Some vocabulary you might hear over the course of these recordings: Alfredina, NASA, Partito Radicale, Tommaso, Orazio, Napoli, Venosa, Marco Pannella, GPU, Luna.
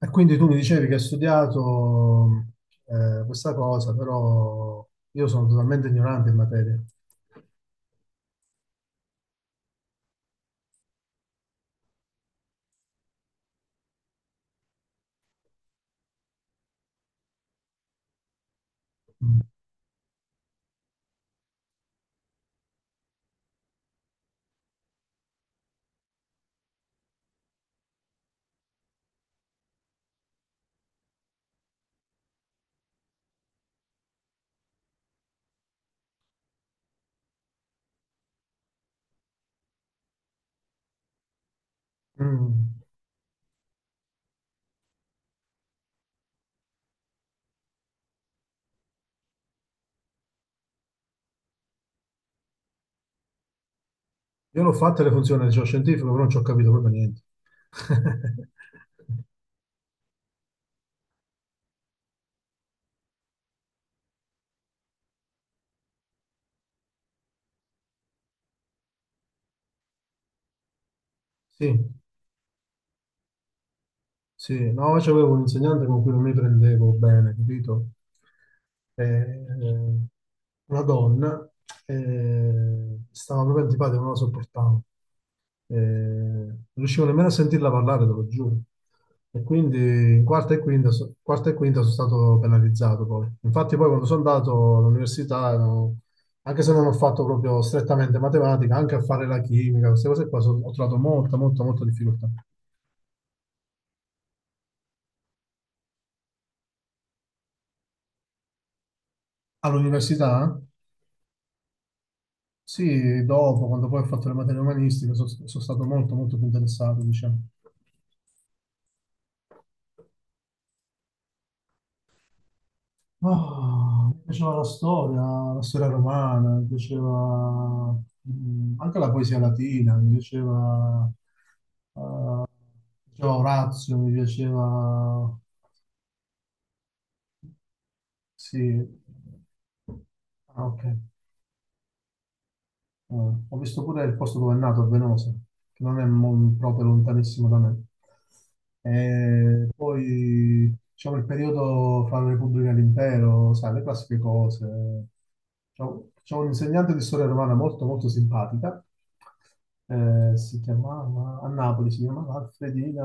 E quindi tu mi dicevi che hai studiato questa cosa, però io sono totalmente ignorante in materia. Mm. Mm. Io l'ho fatta le funzioni del geoscientifico, però non ci ho capito proprio niente. Sì, sì, no, io avevo un insegnante con cui non mi prendevo bene, capito? Eh, eh, una donna, stava proprio antipatica, non la sopportavo. Non riuscivo nemmeno a sentirla parlare, te lo giuro. E quindi in quarta e quinta, quarta e quinta sono stato penalizzato poi. Infatti poi quando sono andato all'università, ero- anche se non ho fatto proprio strettamente matematica, anche a fare la chimica, queste cose qua, ho trovato molta difficoltà. All'università? Sì, dopo, quando poi ho fatto le materie umanistiche, sono stato molto, molto più interessato, diciamo. Ah, mi piaceva la storia romana, mi piaceva anche la poesia latina, mi piaceva Orazio, mi piaceva... Sì. Ah, ok. Ho visto pure il posto dove è nato, a Venosa, che non è mo- proprio lontanissimo da me. E poi, diciamo, il periodo fra la Repubblica e l'Impero, sai, le classiche cose. C'ho un insegnante di storia romana molto, molto simpatica. Si chiamava, a Napoli si chiamava Alfredina,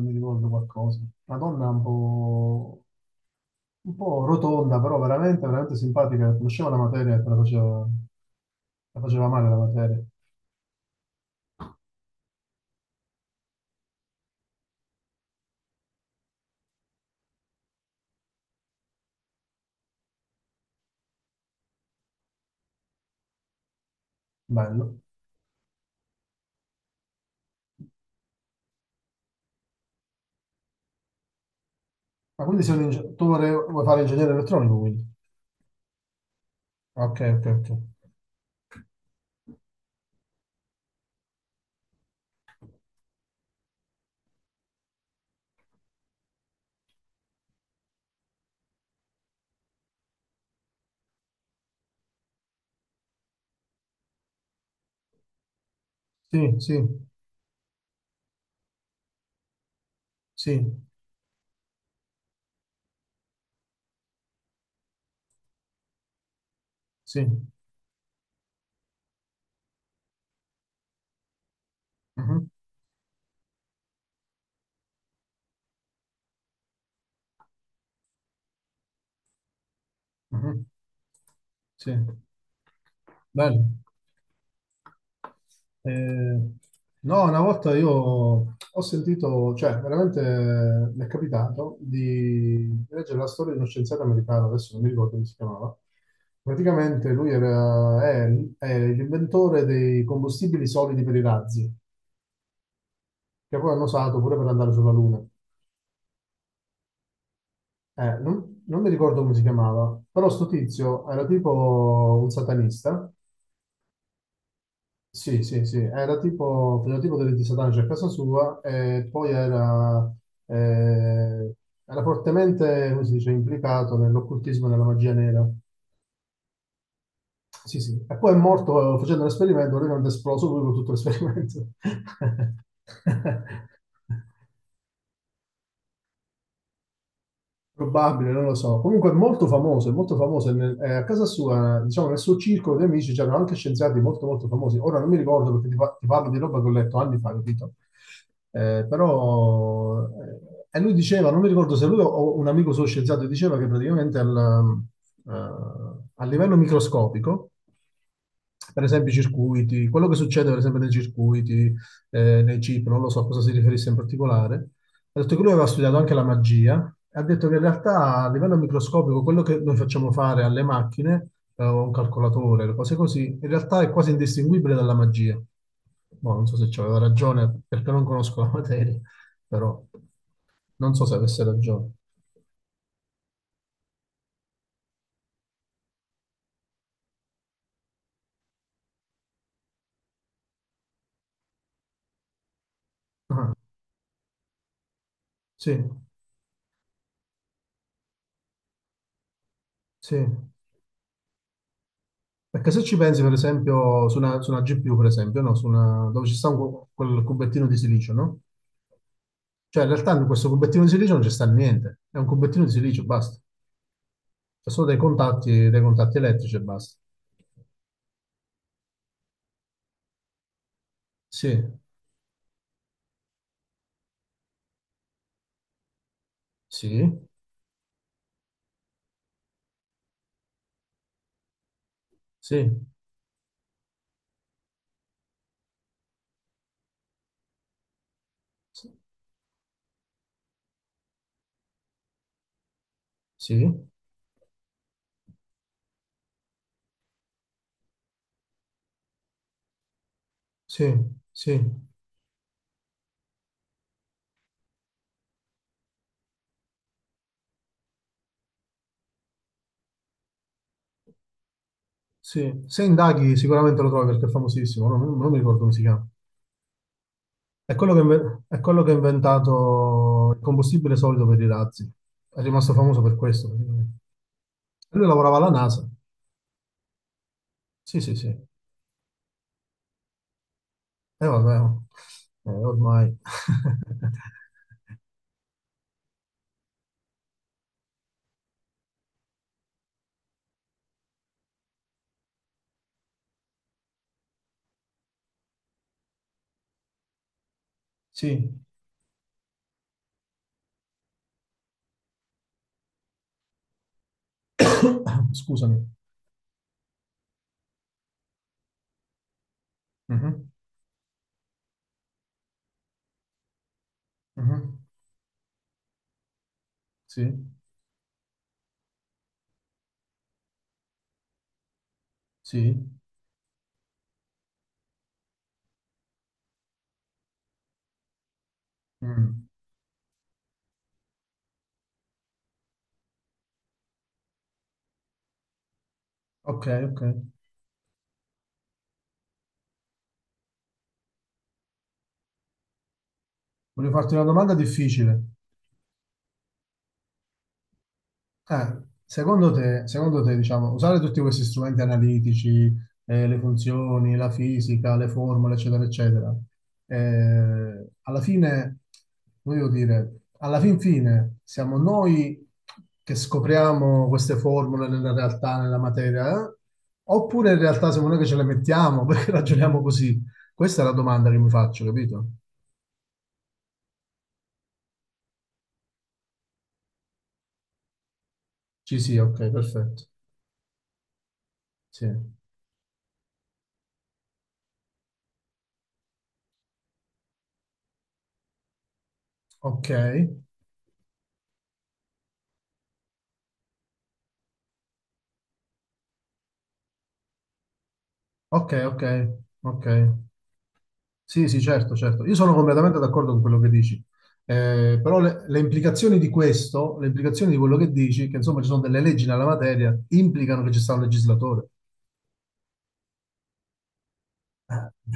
mi ricordo qualcosa. Una donna un po' rotonda, però veramente, veramente simpatica. Conosceva la materia e te la faceva male la materia. Bello. Ma quindi sei un ingeg- vuoi fare ingegnere elettronico, quindi? Ok, ok, ok. Sì, sì, sì, sì. Mhm, mhm. Sì, bello. Eh, no, una volta io ho sentito, cioè veramente mi è capitato di leggere la storia di uno scienziato americano, adesso non mi ricordo come si chiamava. Praticamente lui era, è l'inventore dei combustibili solidi per i razzi, che poi hanno usato pure per andare sulla Luna. Non, non mi ricordo come si chiamava, però sto tizio era tipo un satanista. Sì, sì, sì, era tipo, faceva tipo delle disadanze a casa sua e poi era, eh, era fortemente, come si dice, implicato nell'occultismo e nella magia nera. Sì, sì. E poi è morto facendo l'esperimento, lui non è esploso lui con tutto l'esperimento. Probabile, non lo so. Comunque è molto famoso, è molto famoso. A casa sua, diciamo, nel suo circolo di amici c'erano anche scienziati molto, molto famosi. Ora non mi ricordo perché ti, ti parlo di roba che ho letto anni fa, capito? Eh, però, e lui diceva, non mi ricordo se lui o un amico suo scienziato diceva che praticamente eh, a livello microscopico, per esempio i circuiti, quello che succede per esempio nei circuiti, nei chip, non lo so a cosa si riferisse in particolare, ha detto che lui aveva studiato anche la magia, e ha detto che in realtà a livello microscopico quello che noi facciamo fare alle macchine, o a un calcolatore, le cose così, in realtà è quasi indistinguibile dalla magia. Boh, non so se c'aveva ragione perché non conosco la materia, però non so se avesse ragione. Ah, sì, sì. Perché se ci pensi, per esempio, su una GPU, per esempio, no? Su una- dove ci sta un cu- quel cubettino di silicio, no? Cioè, in realtà in questo cubettino di silicio non ci sta niente, è un cubettino di silicio, basta. Sono dei contatti elettrici e basta. Sì, sì, sì, sì, sì, sì, sì. Se indaghi sicuramente lo trovi perché è famosissimo, non, non mi ricordo come si chiama. È quello che, inve- è quello che ha inventato il combustibile solido per i razzi. È rimasto famoso per questo, praticamente. Lui lavorava alla NASA. Sì, sì, sì. E vabbè, oh. Ormai. Sì. Scusami. Mhm, mhm. Sì, sì, Mm, ok, ok. Voglio farti una domanda difficile. Secondo te, secondo te, diciamo, usare tutti questi strumenti analitici, le funzioni, la fisica, le formule, eccetera, eccetera, alla fine, voglio dire, alla fin fine siamo noi che scopriamo queste formule nella realtà, nella materia, eh? Oppure in realtà siamo noi che ce le mettiamo perché ragioniamo così? Questa è la domanda che mi faccio, capito? Ci sì, ok, perfetto. Sì. Ok, ok, ok, ok. Sì, sì, certo, certo. Io sono completamente d'accordo con quello che dici. Però le implicazioni di questo, le implicazioni di quello che dici, che insomma ci sono delle leggi nella materia, implicano che ci sta un legislatore. Eh,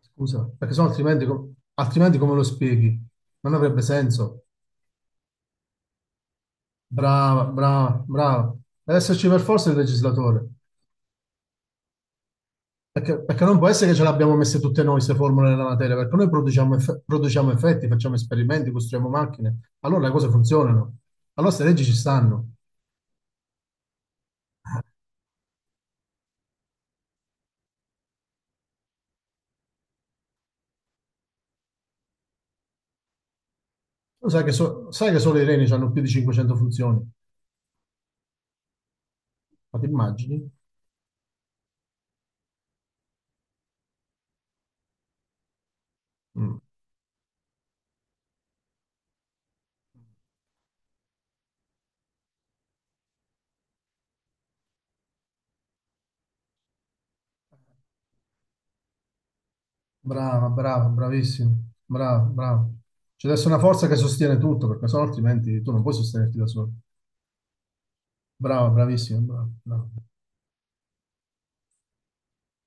scusa, perché sennò altrimenti, com- altrimenti come lo spieghi? Non avrebbe senso. Brava, brava, brava. Deve esserci per forza il legislatore. Perché, perché non può essere che ce l'abbiamo messe tutte noi queste formule nella materia, perché noi produciamo, eff- produciamo effetti, facciamo esperimenti, costruiamo macchine, allora le cose funzionano, allora queste leggi ci stanno. Tu sai che, sai che solo i reni hanno più di 500 funzioni, ma ti immagini? Mm. Brava, brava, bravissima, brava, brava. C'è adesso una forza che sostiene tutto, perché sennò altrimenti tu non puoi sostenerti da solo. Brava, bravissima, brava, brava.